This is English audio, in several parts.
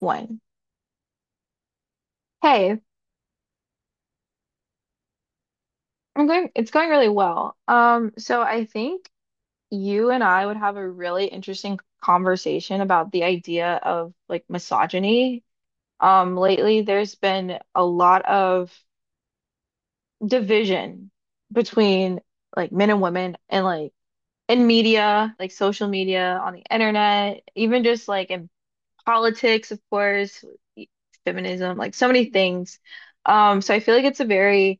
One. Hey, I'm going, it's going really well. So I think you and I would have a really interesting conversation about the idea of like misogyny. Lately there's been a lot of division between like men and women and like in media, like social media, on the internet, even just like in politics, of course, feminism, like so many things. So I feel like it's a very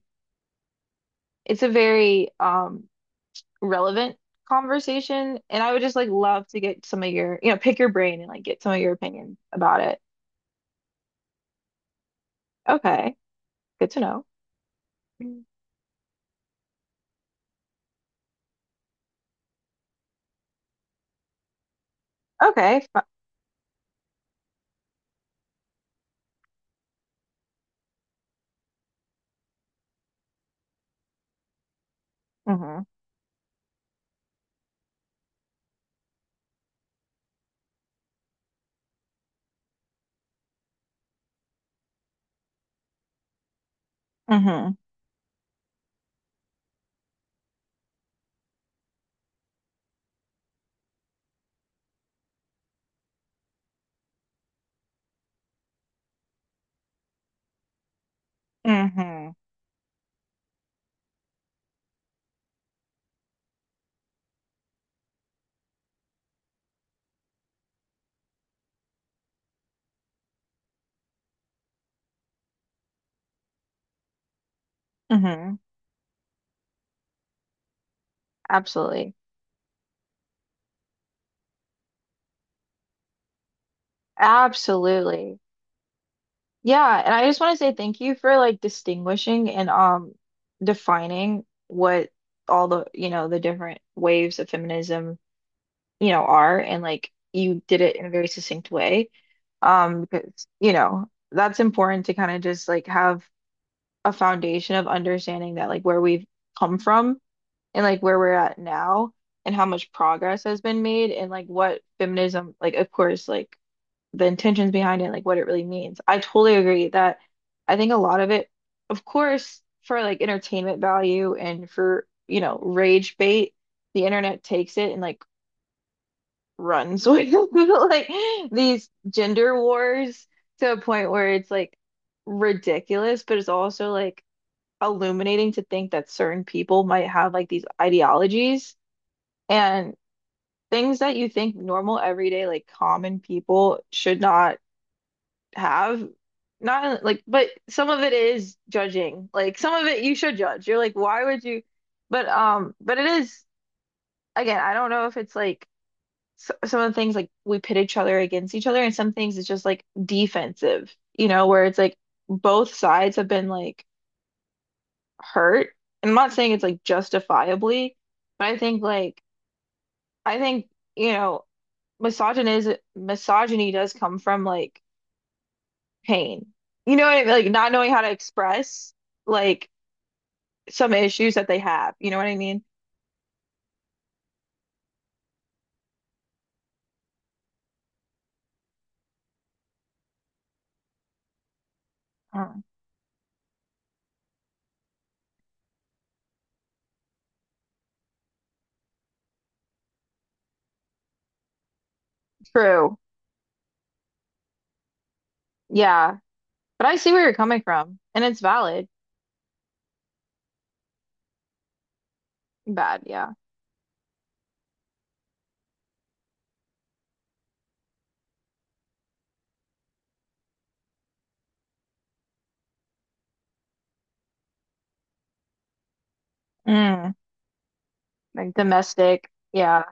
it's a very um relevant conversation. And I would just like love to get some of your, you know, pick your brain and like get some of your opinions about it. Okay, good to know. Mm. Okay. Mm-hmm. Mm-hmm. Mm-hmm. Mm-hmm. Absolutely. Absolutely. Yeah, and I just want to say thank you for like distinguishing and defining what all the, you know, the different waves of feminism you know, are and like you did it in a very succinct way. Because you know, that's important to kind of just like have a foundation of understanding that like where we've come from and like where we're at now and how much progress has been made and like what feminism, like of course, like the intentions behind it, like what it really means. I totally agree that I think a lot of it, of course, for like entertainment value and for, you know, rage bait, the internet takes it and like runs with like these gender wars to a point where it's like ridiculous, but it's also like illuminating to think that certain people might have like these ideologies and things that you think normal, everyday, like common people should not have. Not like, but some of it is judging. Like some of it you should judge. You're like, why would you? But it is again, I don't know if it's like so, some of the things like we pit each other against each other, and some things it's just like defensive, you know, where it's like both sides have been like hurt. And I'm not saying it's like justifiably, but I think, you know, misogyny is misogyny does come from like pain. You know what I mean? Like not knowing how to express like some issues that they have. You know what I mean? Mm. True. Yeah. But I see where you're coming from, and it's valid. Bad, yeah. Mm. Like domestic. Yeah.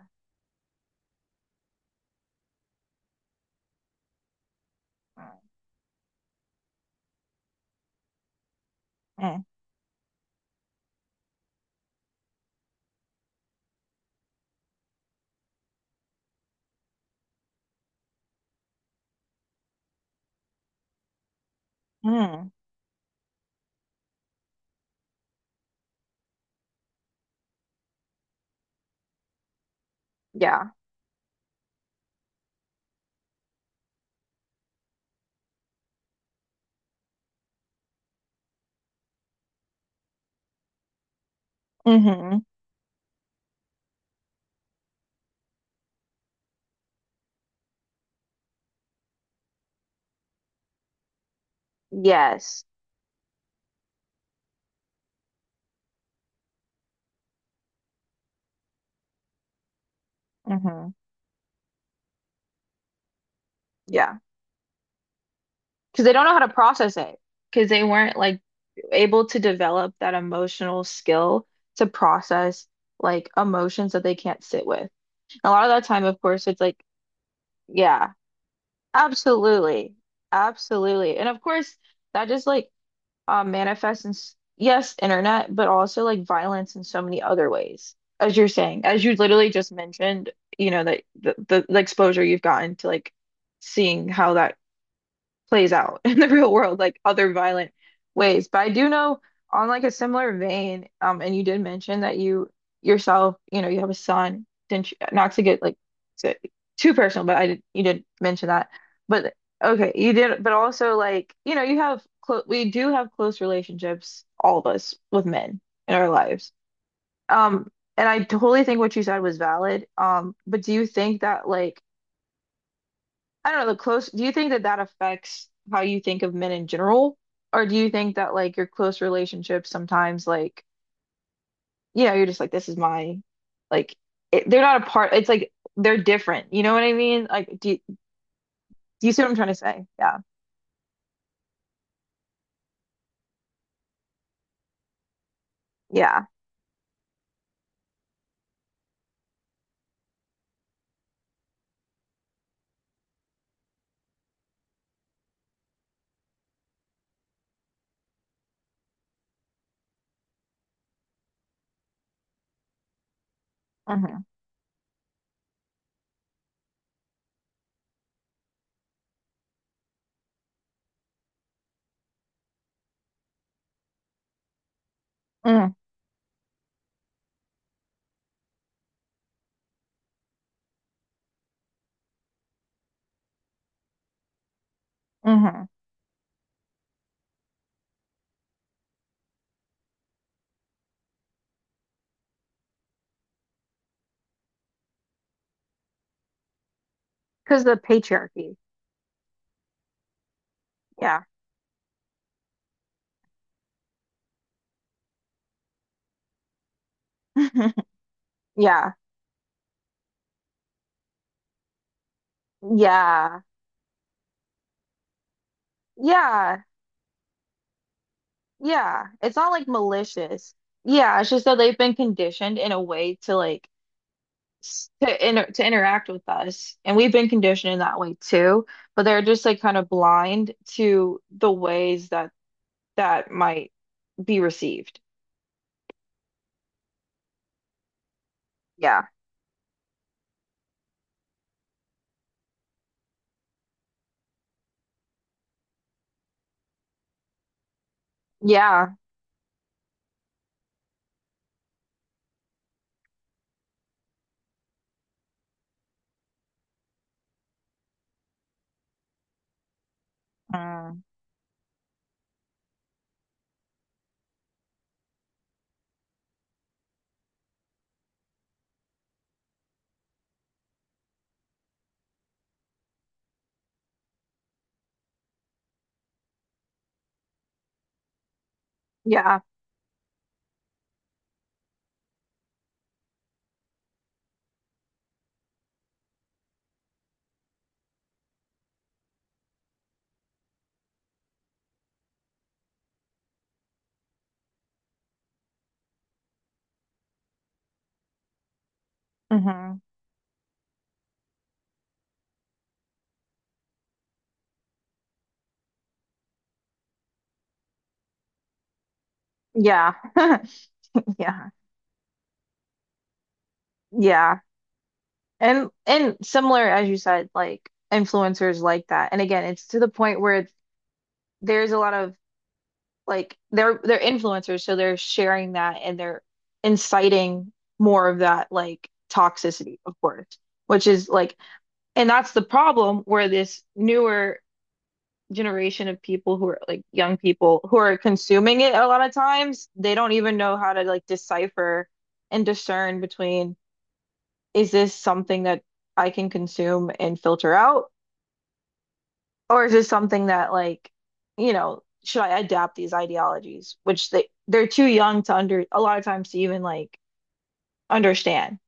Mm-hmm. Yeah. Mm-hmm. Yes. Mm-hmm. Yeah. Because they don't know how to process it. Because they weren't like able to develop that emotional skill to process like emotions that they can't sit with. A lot of that time, of course, it's like, yeah, absolutely. Absolutely. And of course, that just like manifests in s- yes, internet, but also like violence in so many other ways. As you're saying, as you literally just mentioned, you know, that the exposure you've gotten to like seeing how that plays out in the real world, like other violent ways. But I do know on like a similar vein, and you did mention that you yourself, you know, you have a son, didn't you, not to get like to, too personal, but I did, you did mention that. But okay, you did, but also like, you know, you have close, we do have close relationships, all of us with men in our lives. Um, and I totally think what you said was valid. But do you think that like I don't know, the close, do you think that that affects how you think of men in general? Or do you think that like your close relationships sometimes like, you know, you're just like, this is my, like, it, they're not a part, it's like they're different. You know what I mean? Like, do you see what I'm trying to say? Yeah. Yeah. Mm-hmm. Mm-hmm. Mm-hmm. Because the patriarchy. Yeah. Yeah. Yeah. Yeah. Yeah. It's not like malicious. Yeah. It's just that they've been conditioned in a way to like, s- to interact with us, and we've been conditioned in that way too. But they're just like kind of blind to the ways that that might be received. Yeah, yeah, Mm. yeah, hmm yeah, yeah, yeah, and similar as you said, like influencers like that. And again, it's to the point where there's a lot of like they're influencers, so they're sharing that and they're inciting more of that like toxicity, of course, which is like, and that's the problem where this newer generation of people who are like young people who are consuming it a lot of times, they don't even know how to like decipher and discern between is this something that I can consume and filter out? Or is this something that like, you know, should I adapt these ideologies, which they're too young to under a lot of times to even like understand.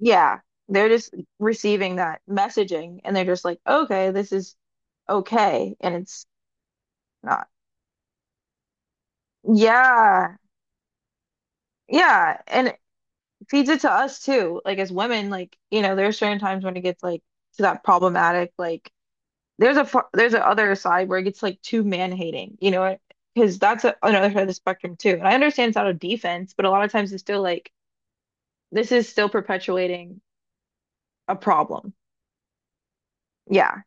Yeah, they're just receiving that messaging and they're just like, okay, this is okay, and it's not. Yeah, yeah, and it feeds it to us too. Like as women, like you know, there are certain times when it gets like to that problematic, like There's a far, there's a other side where it gets like too man-hating, you know, because that's a, another side of the spectrum too. And I understand it's out of defense, but a lot of times it's still like this is still perpetuating a problem. Yeah,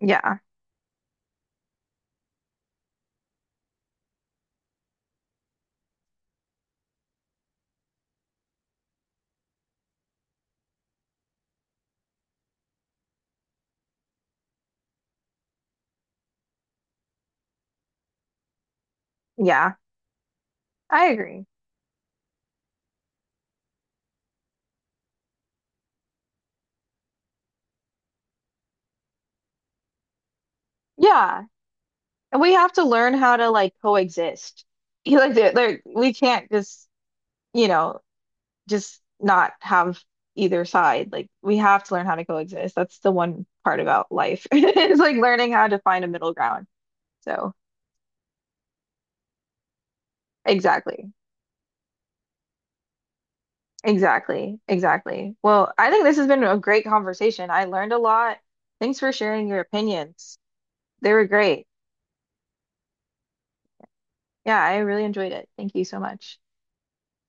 yeah, yeah. I agree. Yeah, and we have to learn how to like coexist. You like we can't just you know just not have either side. Like we have to learn how to coexist. That's the one part about life. is like learning how to find a middle ground. So exactly. Exactly, exactly. Well, I think this has been a great conversation. I learned a lot. Thanks for sharing your opinions. They were great. Yeah, I really enjoyed it. Thank you so much.